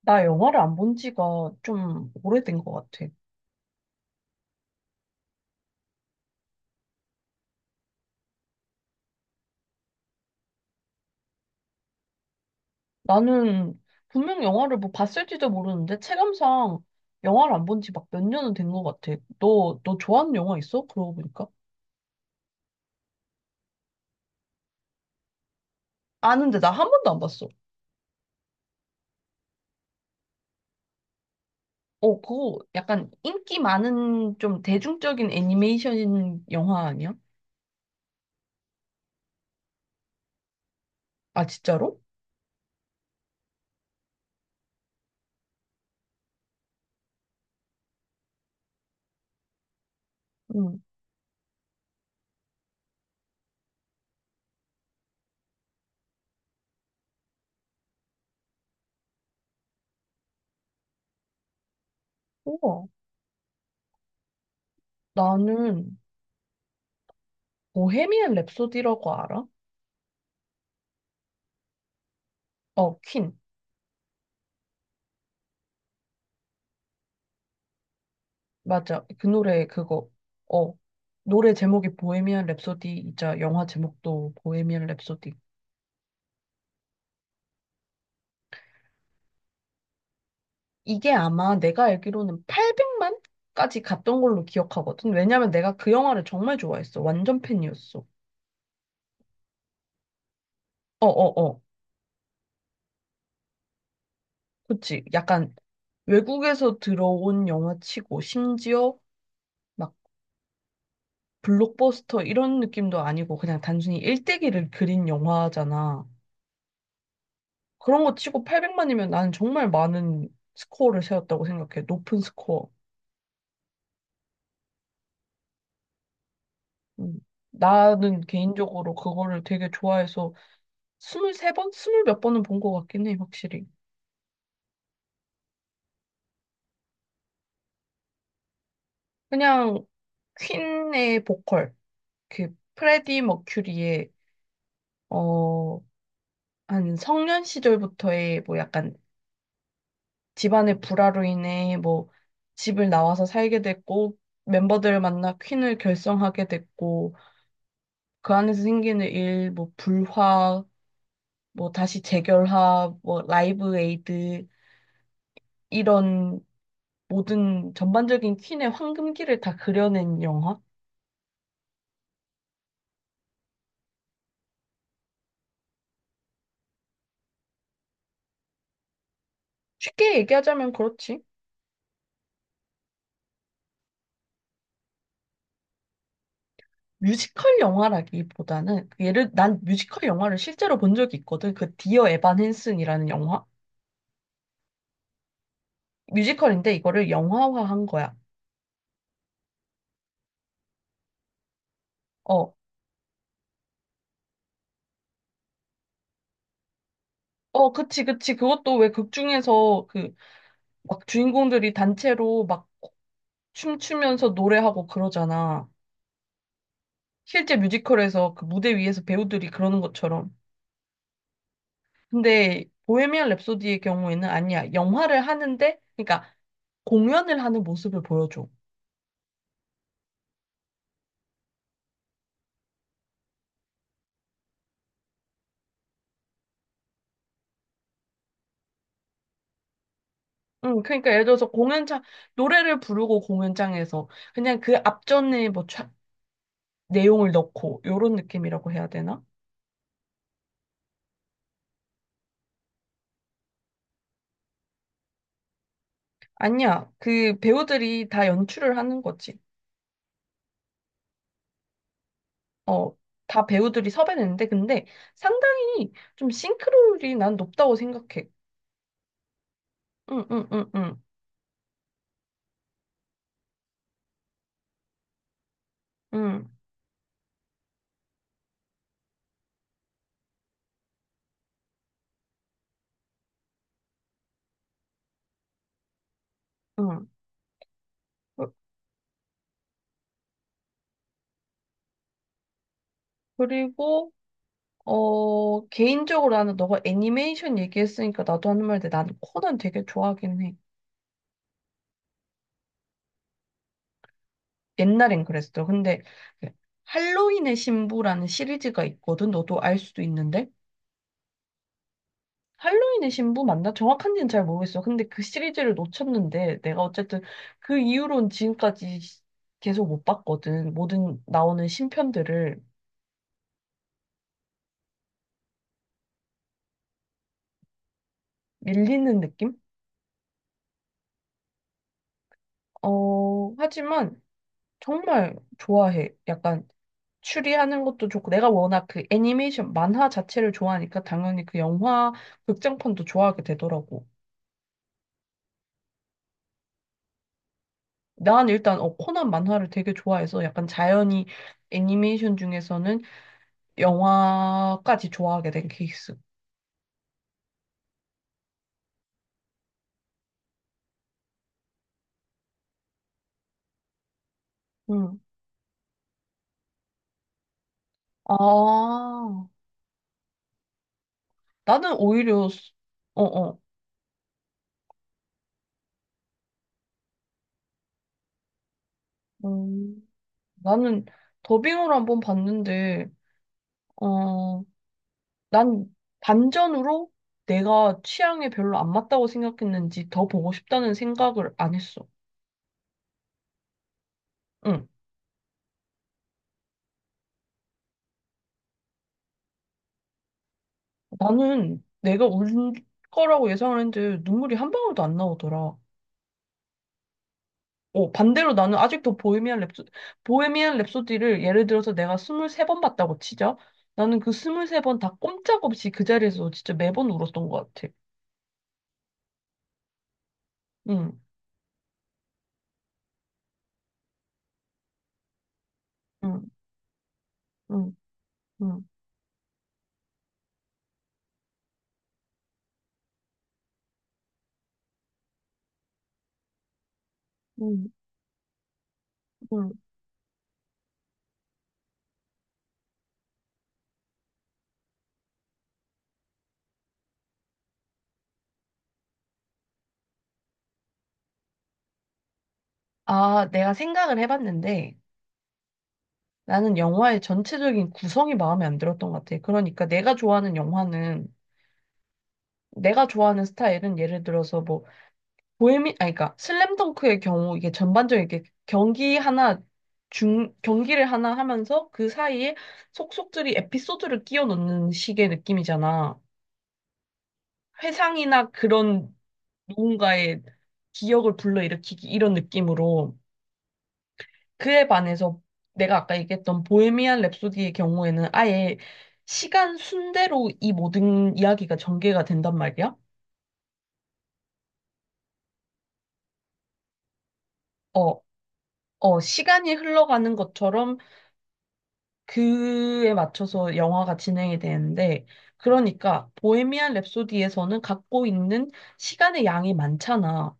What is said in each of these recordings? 나 영화를 안 본 지가 좀 오래된 것 같아. 나는 분명 영화를 뭐 봤을지도 모르는데 체감상 영화를 안 본지 막 몇 년은 된 것 같아. 너 좋아하는 영화 있어? 그러고 보니까. 아는데 나 한 번도 안 봤어. 어, 그거 약간 인기 많은 좀 대중적인 애니메이션 영화 아니야? 아, 진짜로? 응. 우와. 나는 보헤미안 랩소디라고 알아? 어, 퀸. 맞아. 그 노래 그거. 어. 노래 제목이 보헤미안 랩소디이자 영화 제목도 보헤미안 랩소디. 이게 아마 내가 알기로는 800만까지 갔던 걸로 기억하거든. 왜냐면 내가 그 영화를 정말 좋아했어. 완전 팬이었어. 어어어. 그치. 약간 외국에서 들어온 영화치고 심지어 막 블록버스터 이런 느낌도 아니고 그냥 단순히 일대기를 그린 영화잖아. 그런 거 치고 800만이면 나는 정말 많은 스코어를 세웠다고 생각해. 높은 스코어. 음, 나는 개인적으로 그거를 되게 좋아해서 23번 스물 몇 번은 본 것 같긴 해, 확실히. 그냥 퀸의 보컬, 그 프레디 머큐리의 어, 한 성년 시절부터의 뭐 약간 집안의 불화로 인해 뭐 집을 나와서 살게 됐고 멤버들을 만나 퀸을 결성하게 됐고 그 안에서 생기는 일, 뭐 불화, 뭐 다시 재결합, 뭐 라이브 에이드 이런 모든 전반적인 퀸의 황금기를 다 그려낸 영화? 쉽게 얘기하자면 그렇지. 뮤지컬 영화라기보다는 예를 난 뮤지컬 영화를 실제로 본 적이 있거든. 그 디어 에반 헨슨이라는 영화. 뮤지컬인데 이거를 영화화한 거야. 어. 어, 그치, 그치. 그것도 왜 극 중에서 그 막 주인공들이 단체로 막 춤추면서 노래하고 그러잖아. 실제 뮤지컬에서 그 무대 위에서 배우들이 그러는 것처럼. 근데 보헤미안 랩소디의 경우에는 아니야. 영화를 하는데, 그러니까 공연을 하는 모습을 보여줘. 응, 그러니까 예를 들어서 공연장, 노래를 부르고 공연장에서 그냥 그 앞전에 뭐 내용을 넣고, 요런 느낌이라고 해야 되나? 아니야. 그 배우들이 다 연출을 하는 거지. 어, 다 배우들이 섭외냈는데, 근데 상당히 좀 싱크로율이 난 높다고 생각해. 응, 응, 응, 응, 응, 응. 그- 그리고 개인적으로 나는 너가 애니메이션 얘기했으니까 나도 하는 말인데 나는 코난 되게 좋아하긴 해. 옛날엔 그랬어. 근데 그 할로윈의 신부라는 시리즈가 있거든. 너도 알 수도 있는데. 할로윈의 신부 맞나? 정확한지는 잘 모르겠어. 근데 그 시리즈를 놓쳤는데 내가 어쨌든 그 이후로는 지금까지 계속 못 봤거든. 모든 나오는 신편들을 밀리는 느낌? 어, 하지만 정말 좋아해. 약간 추리하는 것도 좋고 내가 워낙 그 애니메이션 만화 자체를 좋아하니까 당연히 그 영화 극장판도 좋아하게 되더라고. 난 일단 코난 만화를 되게 좋아해서 약간 자연히 애니메이션 중에서는 영화까지 좋아하게 된 케이스. 응. 아, 나는 오히려 어, 어. 음, 나는 더빙으로 한번 봤는데 어 난 반전으로 내가 취향에 별로 안 맞다고 생각했는지 더 보고 싶다는 생각을 안 했어. 응. 나는 내가 울 거라고 예상을 했는데 눈물이 한 방울도 안 나오더라. 어, 반대로 나는 아직도 보헤미안 랩소디를 예를 들어서 내가 23번 봤다고 치자. 나는 그 23번 다 꼼짝없이 그 자리에서 진짜 매번 울었던 것 같아. 응, 응, 응, 응, 응, 응. 아, 내가 생각을 해봤는데, 나는 영화의 전체적인 구성이 마음에 안 들었던 것 같아. 그러니까 내가 좋아하는 영화는, 내가 좋아하는 스타일은 예를 들어서 뭐, 아니, 그러니까 슬램덩크의 경우 이게 전반적인 이게 경기 하나, 경기를 하나 하면서 그 사이에 속속들이 에피소드를 끼워 넣는 식의 느낌이잖아. 회상이나 그런 누군가의 기억을 불러일으키기 이런 느낌으로. 그에 반해서 내가 아까 얘기했던 보헤미안 랩소디의 경우에는 아예 시간 순대로 이 모든 이야기가 전개가 된단 말이야. 어, 어, 시간이 흘러가는 것처럼 그에 맞춰서 영화가 진행이 되는데, 그러니까 보헤미안 랩소디에서는 갖고 있는 시간의 양이 많잖아.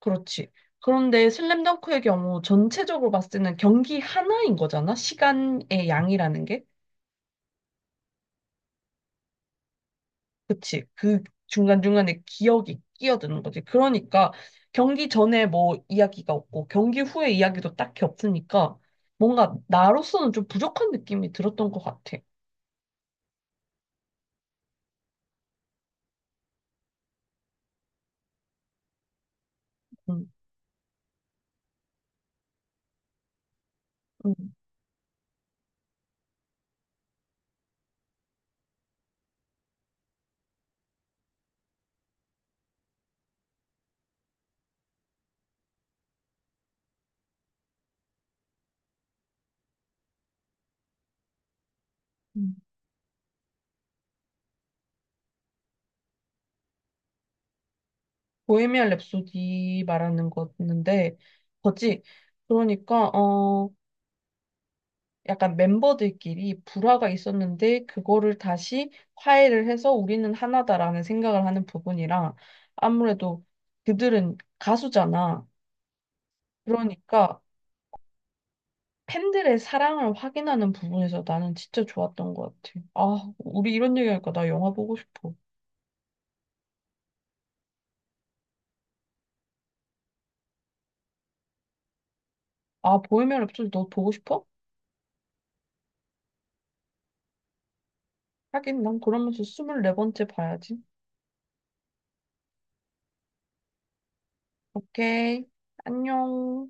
그렇지. 그런데 슬램덩크의 경우 전체적으로 봤을 때는 경기 하나인 거잖아. 시간의 양이라는 게. 그치. 그 중간중간에 기억이 끼어드는 거지. 그러니까 경기 전에 뭐 이야기가 없고 경기 후에 이야기도 딱히 없으니까 뭔가 나로서는 좀 부족한 느낌이 들었던 것 같아. 음, 음, 음. 보헤미안 랩소디 말하는 거였는데, 거지. 그러니까, 약간 멤버들끼리 불화가 있었는데, 그거를 다시 화해를 해서 우리는 하나다라는 생각을 하는 부분이랑, 아무래도 그들은 가수잖아. 그러니까 팬들의 사랑을 확인하는 부분에서 나는 진짜 좋았던 것 같아. 아, 우리 이런 얘기하니까 나 영화 보고 싶어. 아, 보헤미안 랩소디 너 보고 싶어? 하긴 난 그러면서 24번째 봐야지. 오케이. 안녕.